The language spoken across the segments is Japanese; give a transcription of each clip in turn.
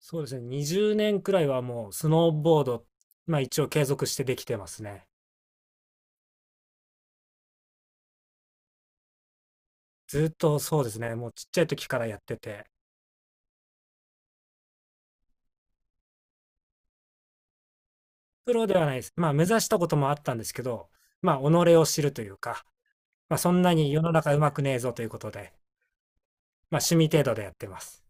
そうですね。20年くらいはもうスノーボード、まあ一応継続してできてますね。ずっとそうですね。もうちっちゃい時からやってて、プロではないです。まあ目指したこともあったんですけど、まあ己を知るというか、まあそんなに世の中うまくねえぞということで、まあ趣味程度でやってます。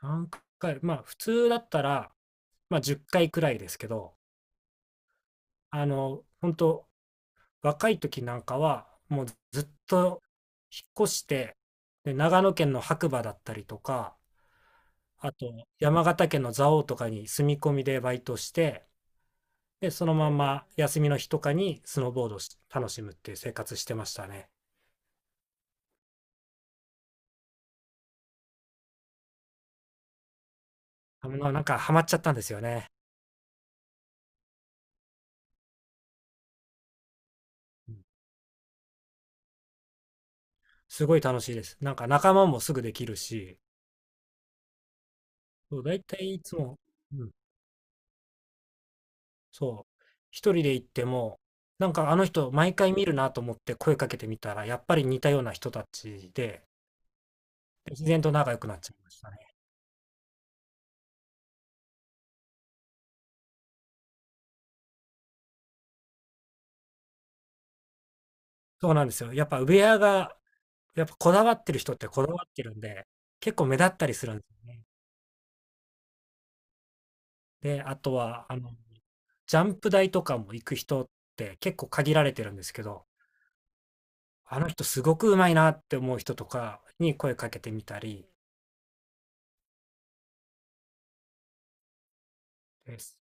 何回、まあ普通だったら、まあ10回くらいですけど、あの、本当若い時なんかは、もうずっと引っ越して、で長野県の白馬だったりとか、あと、山形県の蔵王とかに住み込みでバイトして、で、そのまま休みの日とかにスノーボードをし楽しむっていう生活してましたね。あのなんかハマっちゃったんですよね。うん、すごい楽しいです。なんか仲間もすぐできるし、そうだいたいいつも、うん、そう、一人で行っても、なんかあの人毎回見るなと思って声かけてみたら、やっぱり似たような人たちで、で自然と仲良くなっちゃいましたね。そうなんですよ。やっぱウェアがやっぱこだわってる人ってこだわってるんで、結構目立ったりするんですよね。で、あとは、あの、ジャンプ台とかも行く人って結構限られてるんですけど、あの人すごくうまいなって思う人とかに声かけてみたりです。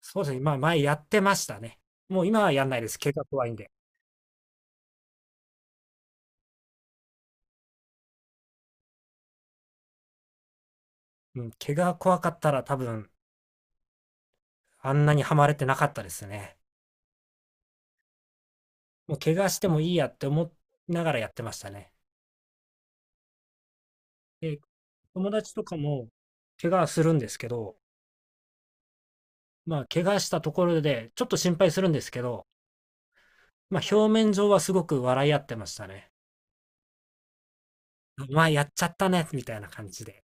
そうですね。まあ前やってましたね。もう今はやんないです。怪我怖いんで。うん、怪我怖かったら多分あんなにはまれてなかったですね。もう怪我してもいいやって思いながらやってましたね。で、友達とかも怪我するんですけど、まあ、怪我したところで、ちょっと心配するんですけど、まあ、表面上はすごく笑い合ってましたね。まあ、やっちゃったね、みたいな感じで。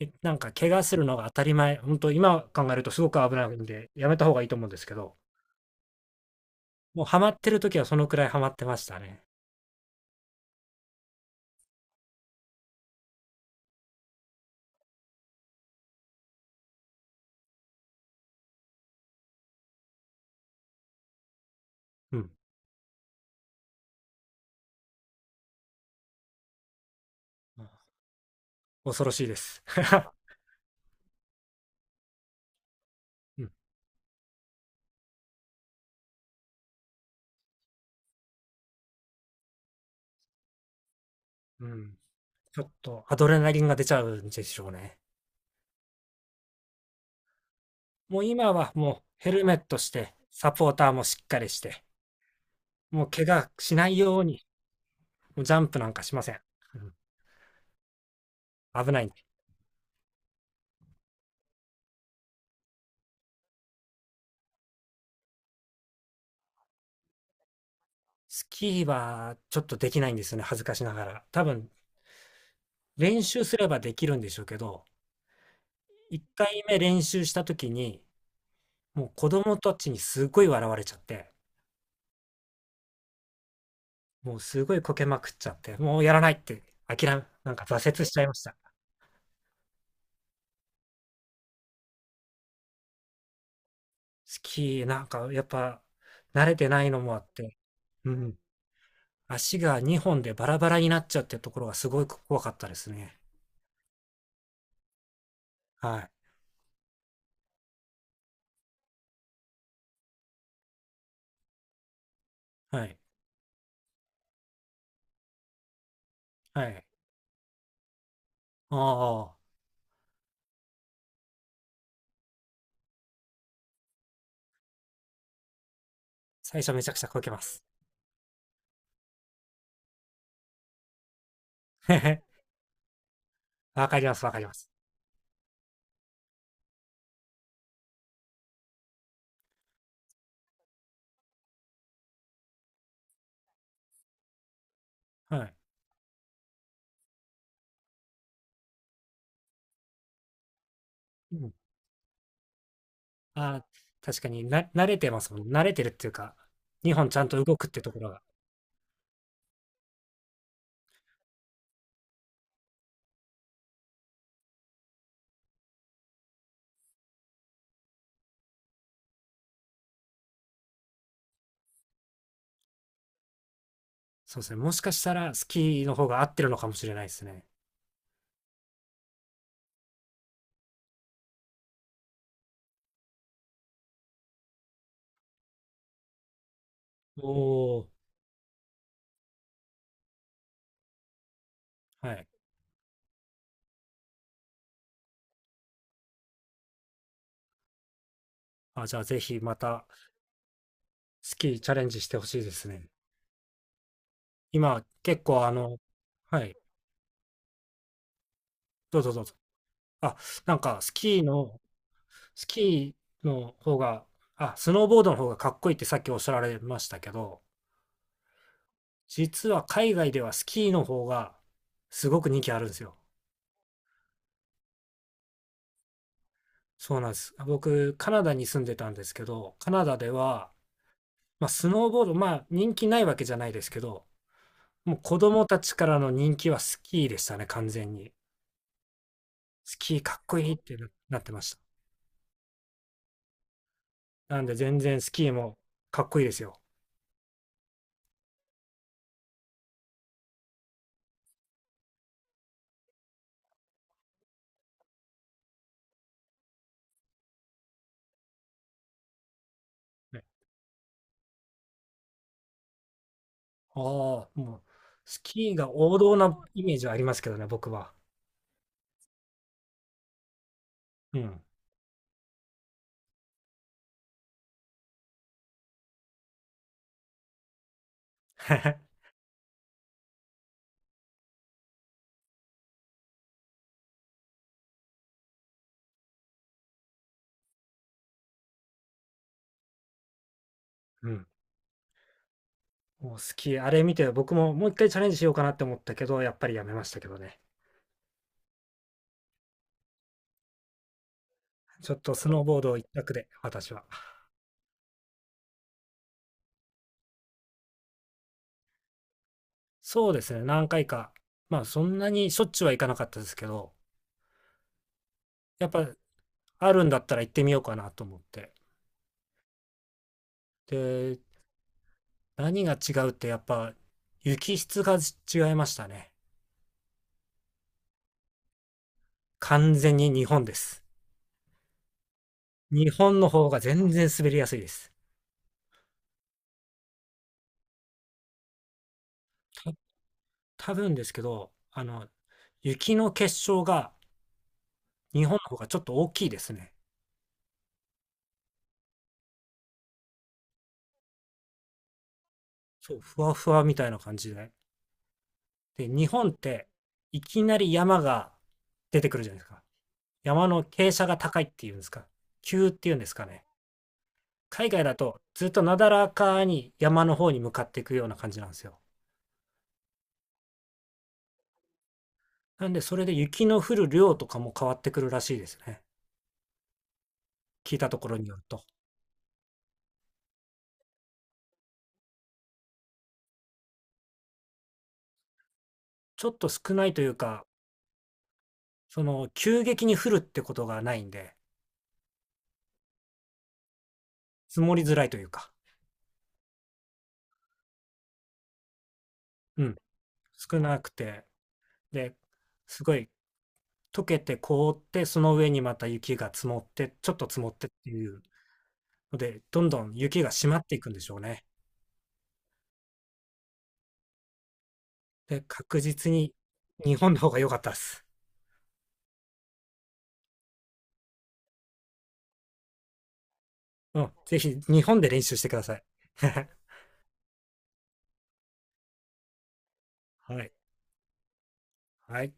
なんか、怪我するのが当たり前。本当今考えるとすごく危ないんで、やめた方がいいと思うんですけど、もうハマってる時はそのくらいハマってましたね。うん。恐ろしいです。うん。うん。ちょっと、アドレナリンが出ちゃうんでしょうね。もう今はもうヘルメットして、サポーターもしっかりして、もう怪我しないように、もうジャンプなんかしません。ん危ない。スキーはちょっとできないんですよね、恥ずかしながら。多分、練習すればできるんでしょうけど、1回目練習した時に、もう子供たちにすごい笑われちゃって、もうすごいこけまくっちゃって、もうやらないって諦め、なんか挫折しちゃいました。スキーなんかやっぱ慣れてないのもあって、うん、足が2本でバラバラになっちゃうってところがすごい怖かったですね。はい、はい、はい。ああ、最初めちゃくちゃこけます。わかりますわかります。はい。うん。あー確かに、慣れてますもん。慣れてるっていうか、日本ちゃんと動くってところが。そうですね。もしかしたらスキーの方が合ってるのかもしれないですね。おお、はい。あ、じゃあぜひまたスキーチャレンジしてほしいですね。今結構あの、はい、どうぞどうぞ。あ、なんかスキーの方が、あ、スノーボードの方がかっこいいってさっきおっしゃられましたけど、実は海外ではスキーの方がすごく人気あるんですよ。そうなんです。僕、カナダに住んでたんですけど、カナダでは、まあ、スノーボード、まあ、人気ないわけじゃないですけど、もう子供たちからの人気はスキーでしたね、完全に。スキーかっこいいってなってました。なんで、全然スキーもかっこいいですよ。ね、ああ、もう、スキーが王道なイメージはありますけどね、僕は。うん。うん。もうスキー、あれ見て、僕ももう一回チャレンジしようかなって思ったけど、やっぱりやめましたけどね。ちょっとスノーボード一択で、私は。そうですね、何回か。まあ、そんなにしょっちゅうは行かなかったですけど、やっぱ、あるんだったら行ってみようかなと思って。で、何が違うって、やっぱ、雪質が違いましたね。完全に日本です。日本の方が全然滑りやすいです。た、多分ですけど、あの、雪の結晶が日本の方がちょっと大きいですね。そう、ふわふわみたいな感じで。で、日本って、いきなり山が出てくるじゃないですか。山の傾斜が高いっていうんですか、急っていうんですかね。海外だとずっとなだらかに山の方に向かっていくような感じなんですよ。なんでそれで雪の降る量とかも変わってくるらしいですね。聞いたところによると。ちょっと少ないというか、その急激に降るってことがないんで、積もりづらいというか、うん、少なくて、で、すごい溶けて凍って、その上にまた雪が積もって、ちょっと積もってっていうので、どんどん雪が締まっていくんでしょうね。で、確実に日本の方が良かったです。うん。ぜひ日本で練習してください。はい。はい。